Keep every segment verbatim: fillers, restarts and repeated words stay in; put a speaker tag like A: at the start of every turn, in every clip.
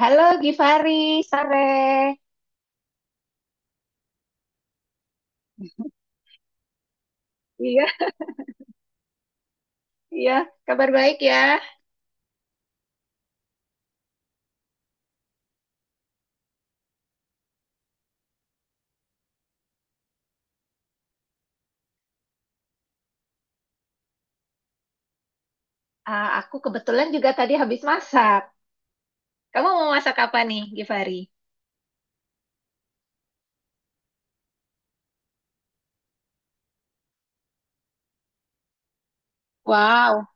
A: Halo Givari, sore. Iya, iya, kabar baik ya. Ah, aku kebetulan juga tadi habis masak. Kamu mau masak apa nih, Givari? Wow.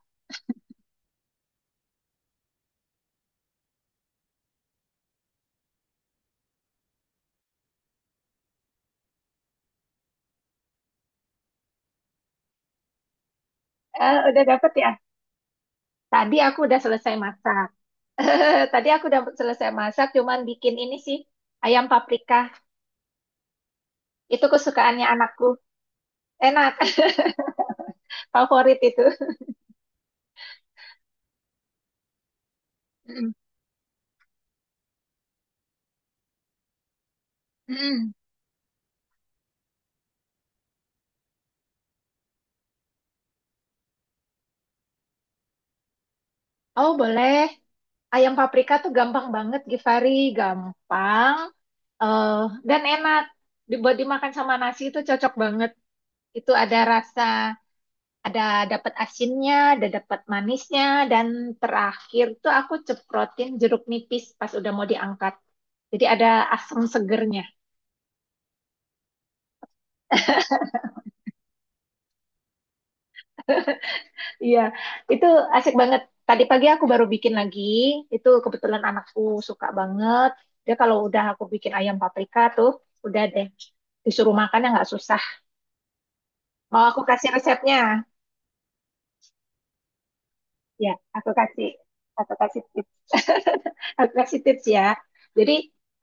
A: Eh, udah dapet ya? Tadi aku udah selesai masak. Tadi aku udah selesai masak, cuman bikin ini sih, ayam paprika. Itu kesukaannya anakku. Enak, favorit itu. Mm-mm. Oh, boleh. Ayam paprika tuh gampang banget, Givari. Gampang. Eh, dan enak dibuat dimakan sama nasi, itu cocok banget. Itu ada rasa, ada dapat asinnya, ada dapat manisnya, dan terakhir tuh aku ceprotin jeruk nipis pas udah mau diangkat, jadi ada asam segernya. Iya, itu asik banget. Tadi pagi aku baru bikin lagi. Itu kebetulan anakku suka banget. Dia kalau udah aku bikin ayam paprika tuh udah deh, disuruh makan ya nggak susah. Mau aku kasih resepnya? Ya, aku kasih aku kasih tips. Aku kasih tips ya. Jadi,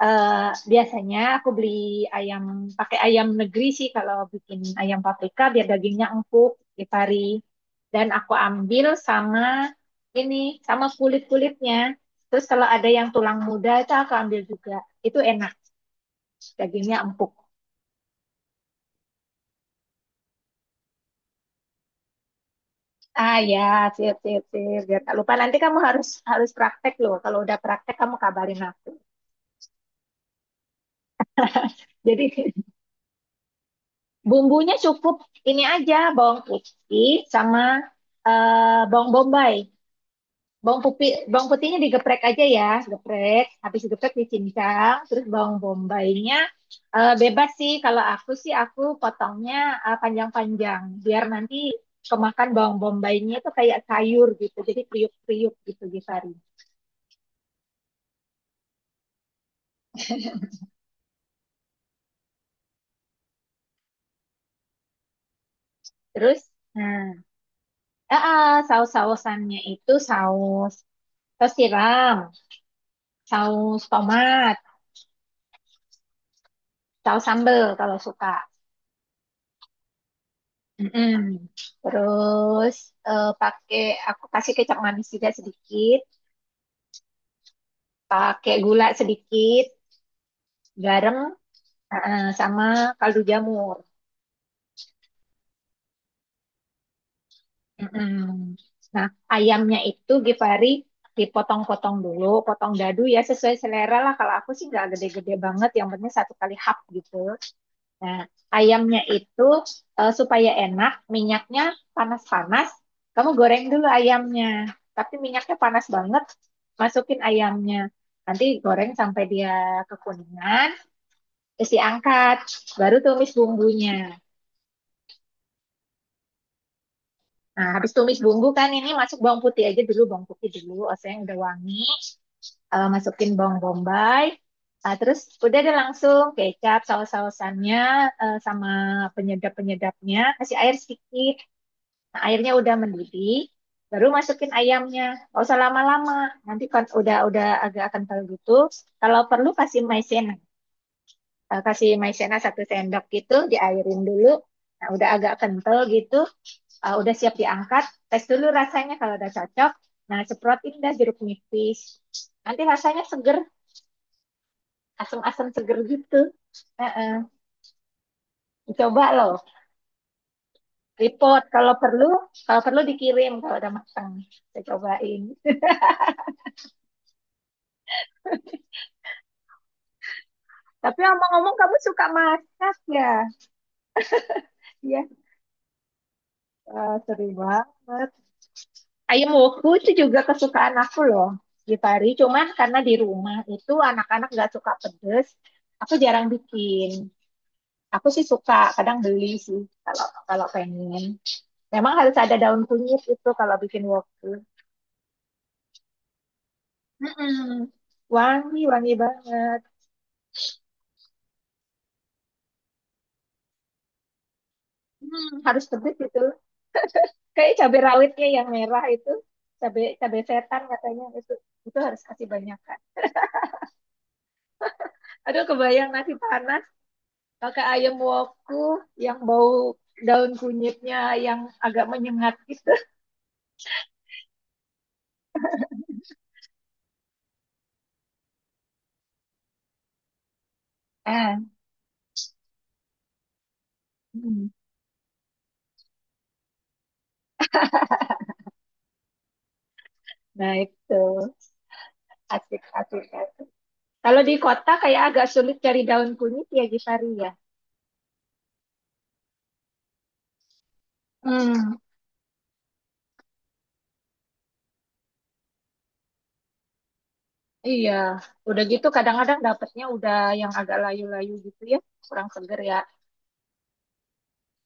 A: eh, biasanya aku beli ayam, pakai ayam negeri sih kalau bikin ayam paprika biar dagingnya empuk. di Dan aku ambil sama ini, sama kulit-kulitnya. Terus kalau ada yang tulang muda itu aku ambil juga. Itu enak, dagingnya empuk. Ah ya, sip sip sip. Biar tak lupa, nanti kamu harus harus praktek loh. Kalau udah praktek, kamu kabarin aku. Jadi, bumbunya cukup ini aja: bawang putih sama eh, bawang bombay. Bawang putih, bawang putihnya digeprek aja ya, geprek. Habis digeprek dicincang, terus bawang bombaynya eh, bebas sih. Kalau aku sih aku potongnya eh, panjang-panjang biar nanti kemakan bawang bombaynya itu kayak sayur gitu. Jadi kriuk-kriuk gitu, Givari. Terus nah, eh, eh, saus-sausannya itu saus saus tiram, saus tomat, saus sambel kalau suka. Mm-mm. Terus eh, pakai aku kasih kecap manis juga sedikit, pakai gula sedikit, garam eh, sama kaldu jamur. Mm-mm. Nah, ayamnya itu, Gifari, dipotong-potong dulu, potong dadu ya, sesuai selera lah. Kalau aku sih nggak gede-gede banget, yang penting satu kali hap gitu. Nah, ayamnya itu eh, supaya enak, minyaknya panas-panas. Kamu goreng dulu ayamnya, tapi minyaknya panas banget. Masukin ayamnya, nanti goreng sampai dia kekuningan. Terus diangkat, baru tumis bumbunya. Nah, habis tumis bumbu kan, ini masuk bawang putih aja dulu, bawang putih dulu. Oseng udah wangi, Eh, masukin bawang bombay. Ah, terus udah ada, langsung kecap, saus-sausannya eh, sama penyedap-penyedapnya. Kasih air sedikit. Nah, airnya udah mendidih, baru masukin ayamnya. Gak usah lama-lama. Nanti kan udah udah agak kental gitu. Kalau perlu kasih maizena, Eh, kasih maizena satu sendok gitu, diairin dulu. Nah, udah agak kental gitu, eh, udah siap diangkat. Tes dulu rasanya, kalau udah cocok. Nah, semprotin dah jeruk nipis. Nanti rasanya seger, asam-asam seger gitu. Heeh. Coba loh, report kalau perlu, kalau perlu dikirim kalau udah matang. Saya cobain. Tapi ngomong-ngomong, kamu suka masak ya? Iya, eh, sering banget. Ayam woku itu juga kesukaan aku loh, Gifari. Cuman karena di rumah itu anak-anak nggak suka pedes, aku jarang bikin. Aku sih suka, kadang beli sih kalau kalau pengen. Memang harus ada daun kunyit itu kalau bikin woku. Mm-mm. Wangi, wangi banget. Hmm, harus pedes itu. Kayak cabai rawitnya yang merah itu, cabai cabai setan katanya itu itu harus kasih banyak kan. Aduh, kebayang nasi panas pakai ayam woku yang bau daun kunyitnya yang agak menyengat gitu. Ah. Hmm. Nah, itu asik, asik, asik. Kalau di kota kayak agak sulit cari daun kunyit ya, Gisari ya. Hmm. Iya, udah gitu kadang-kadang dapetnya udah yang agak layu-layu gitu ya, kurang seger ya.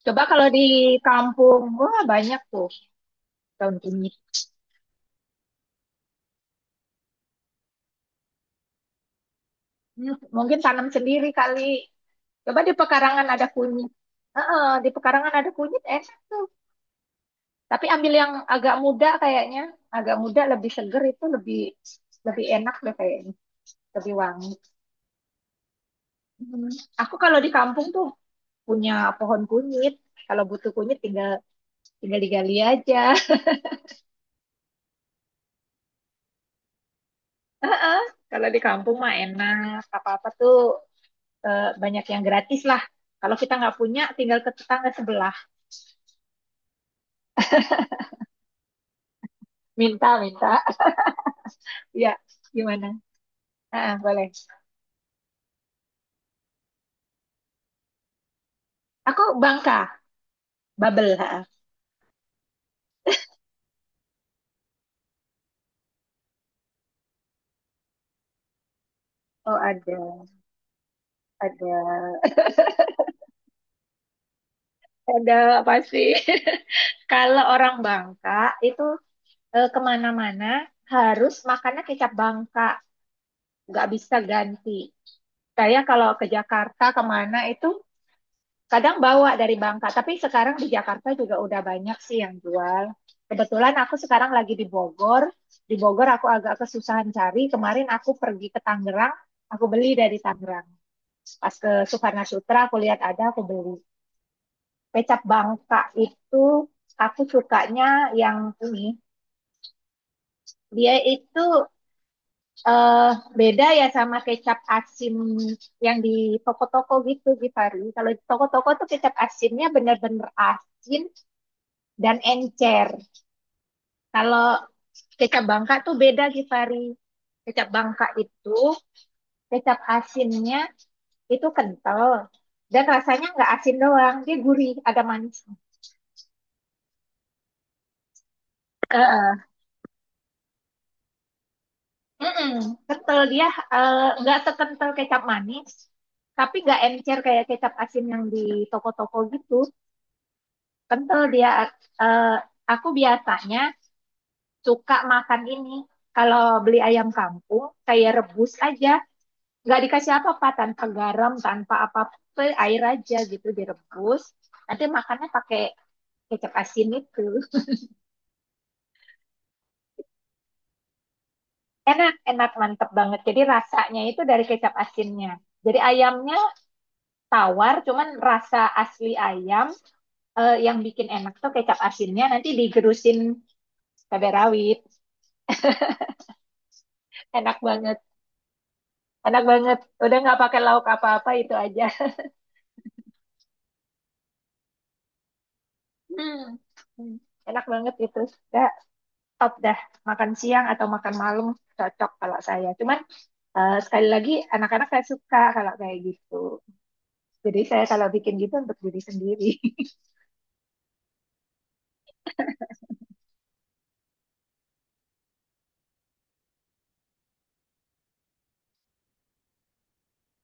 A: Coba kalau di kampung, wah, banyak tuh daun kunyit. Hmm. Mungkin tanam sendiri kali. Coba di pekarangan ada kunyit. Heeh, di pekarangan ada kunyit enak tuh. Tapi ambil yang agak muda kayaknya. Agak muda lebih seger, itu lebih lebih enak deh kayaknya. Lebih wangi. Hmm. Aku kalau di kampung tuh punya pohon kunyit. Kalau butuh kunyit, tinggal tinggal digali aja. Heeh. Kalau di kampung mah enak. Apa-apa tuh eh, banyak yang gratis lah. Kalau kita nggak punya, tinggal ke tetangga sebelah. Minta, minta. Ya, gimana? Heeh, boleh. Aku Bangka. Bubble, heeh. Oh, ada. Ada. Ada apa sih? Kalau orang Bangka itu eh, kemana-mana harus makannya kecap Bangka, nggak bisa ganti. Saya kalau ke Jakarta kemana itu kadang bawa dari Bangka, tapi sekarang di Jakarta juga udah banyak sih yang jual. Kebetulan aku sekarang lagi di Bogor. Di Bogor aku agak kesusahan cari. Kemarin aku pergi ke Tangerang, aku beli dari Tangerang. Pas ke Sukarna Sutra aku lihat ada, aku beli. Kecap Bangka itu aku sukanya yang ini. Dia itu eh beda ya sama kecap asin yang di toko-toko gitu, Givari. Kalau di toko-toko tuh kecap asinnya bener-bener asin dan encer. Kalau kecap Bangka tuh beda, Givari. Kecap Bangka itu, kecap asinnya itu kental, dan rasanya nggak asin doang, dia gurih, ada manisnya. Heeh. Mm-mm, kental dia, eh, nggak sekental kecap manis, tapi nggak encer kayak kecap asin yang di toko-toko gitu. Kental dia. eh, aku biasanya suka makan ini. Kalau beli ayam kampung, kayak rebus aja, nggak dikasih apa-apa, tanpa garam, tanpa apa-apa, air aja gitu direbus. Nanti makannya pakai kecap asin itu. Enak, enak, mantep banget. Jadi rasanya itu dari kecap asinnya. Jadi ayamnya tawar, cuman rasa asli ayam, eh, yang bikin enak tuh kecap asinnya, nanti digerusin cabai rawit. Enak banget. Enak banget. Udah nggak pakai lauk apa-apa, itu aja. Hmm. Hmm. Enak banget itu. Udah top dah. Makan siang atau makan malam cocok kalau saya. Cuman eh, sekali lagi anak-anak saya suka kalau kayak gitu. Jadi saya kalau bikin gitu untuk diri sendiri.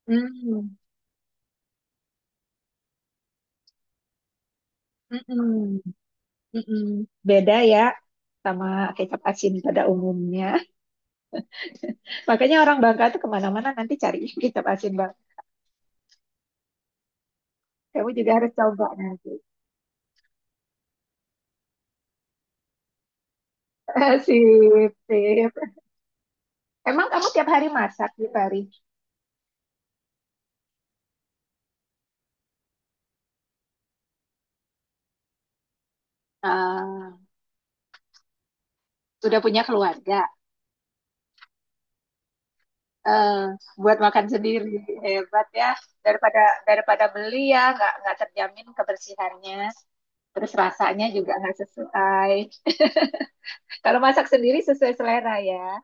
A: Hmm, mm-mm, mm-mm. Beda ya sama kecap asin pada umumnya. Makanya orang Bangka tuh kemana-mana nanti cari kita asin bang. Kamu juga harus coba nanti. Sip, sip. Emang kamu tiap hari masak di Pari? Ah, udah punya keluarga. Eh, buat makan sendiri hebat ya. Daripada daripada beli ya, nggak nggak terjamin kebersihannya. Terus rasanya juga nggak sesuai. Kalau masak sendiri sesuai selera ya.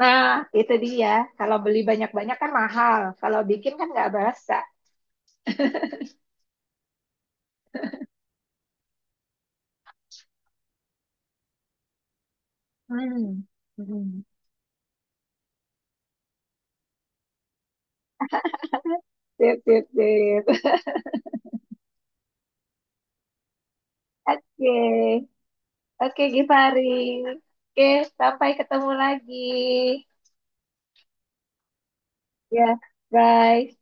A: Nah, itu dia. Kalau beli banyak-banyak kan mahal. Kalau bikin kan nggak berasa. Hmm. Hmm. Sip, sip, sip. Oke, oke Givari. Oke, sampai ketemu lagi. Ya, bye.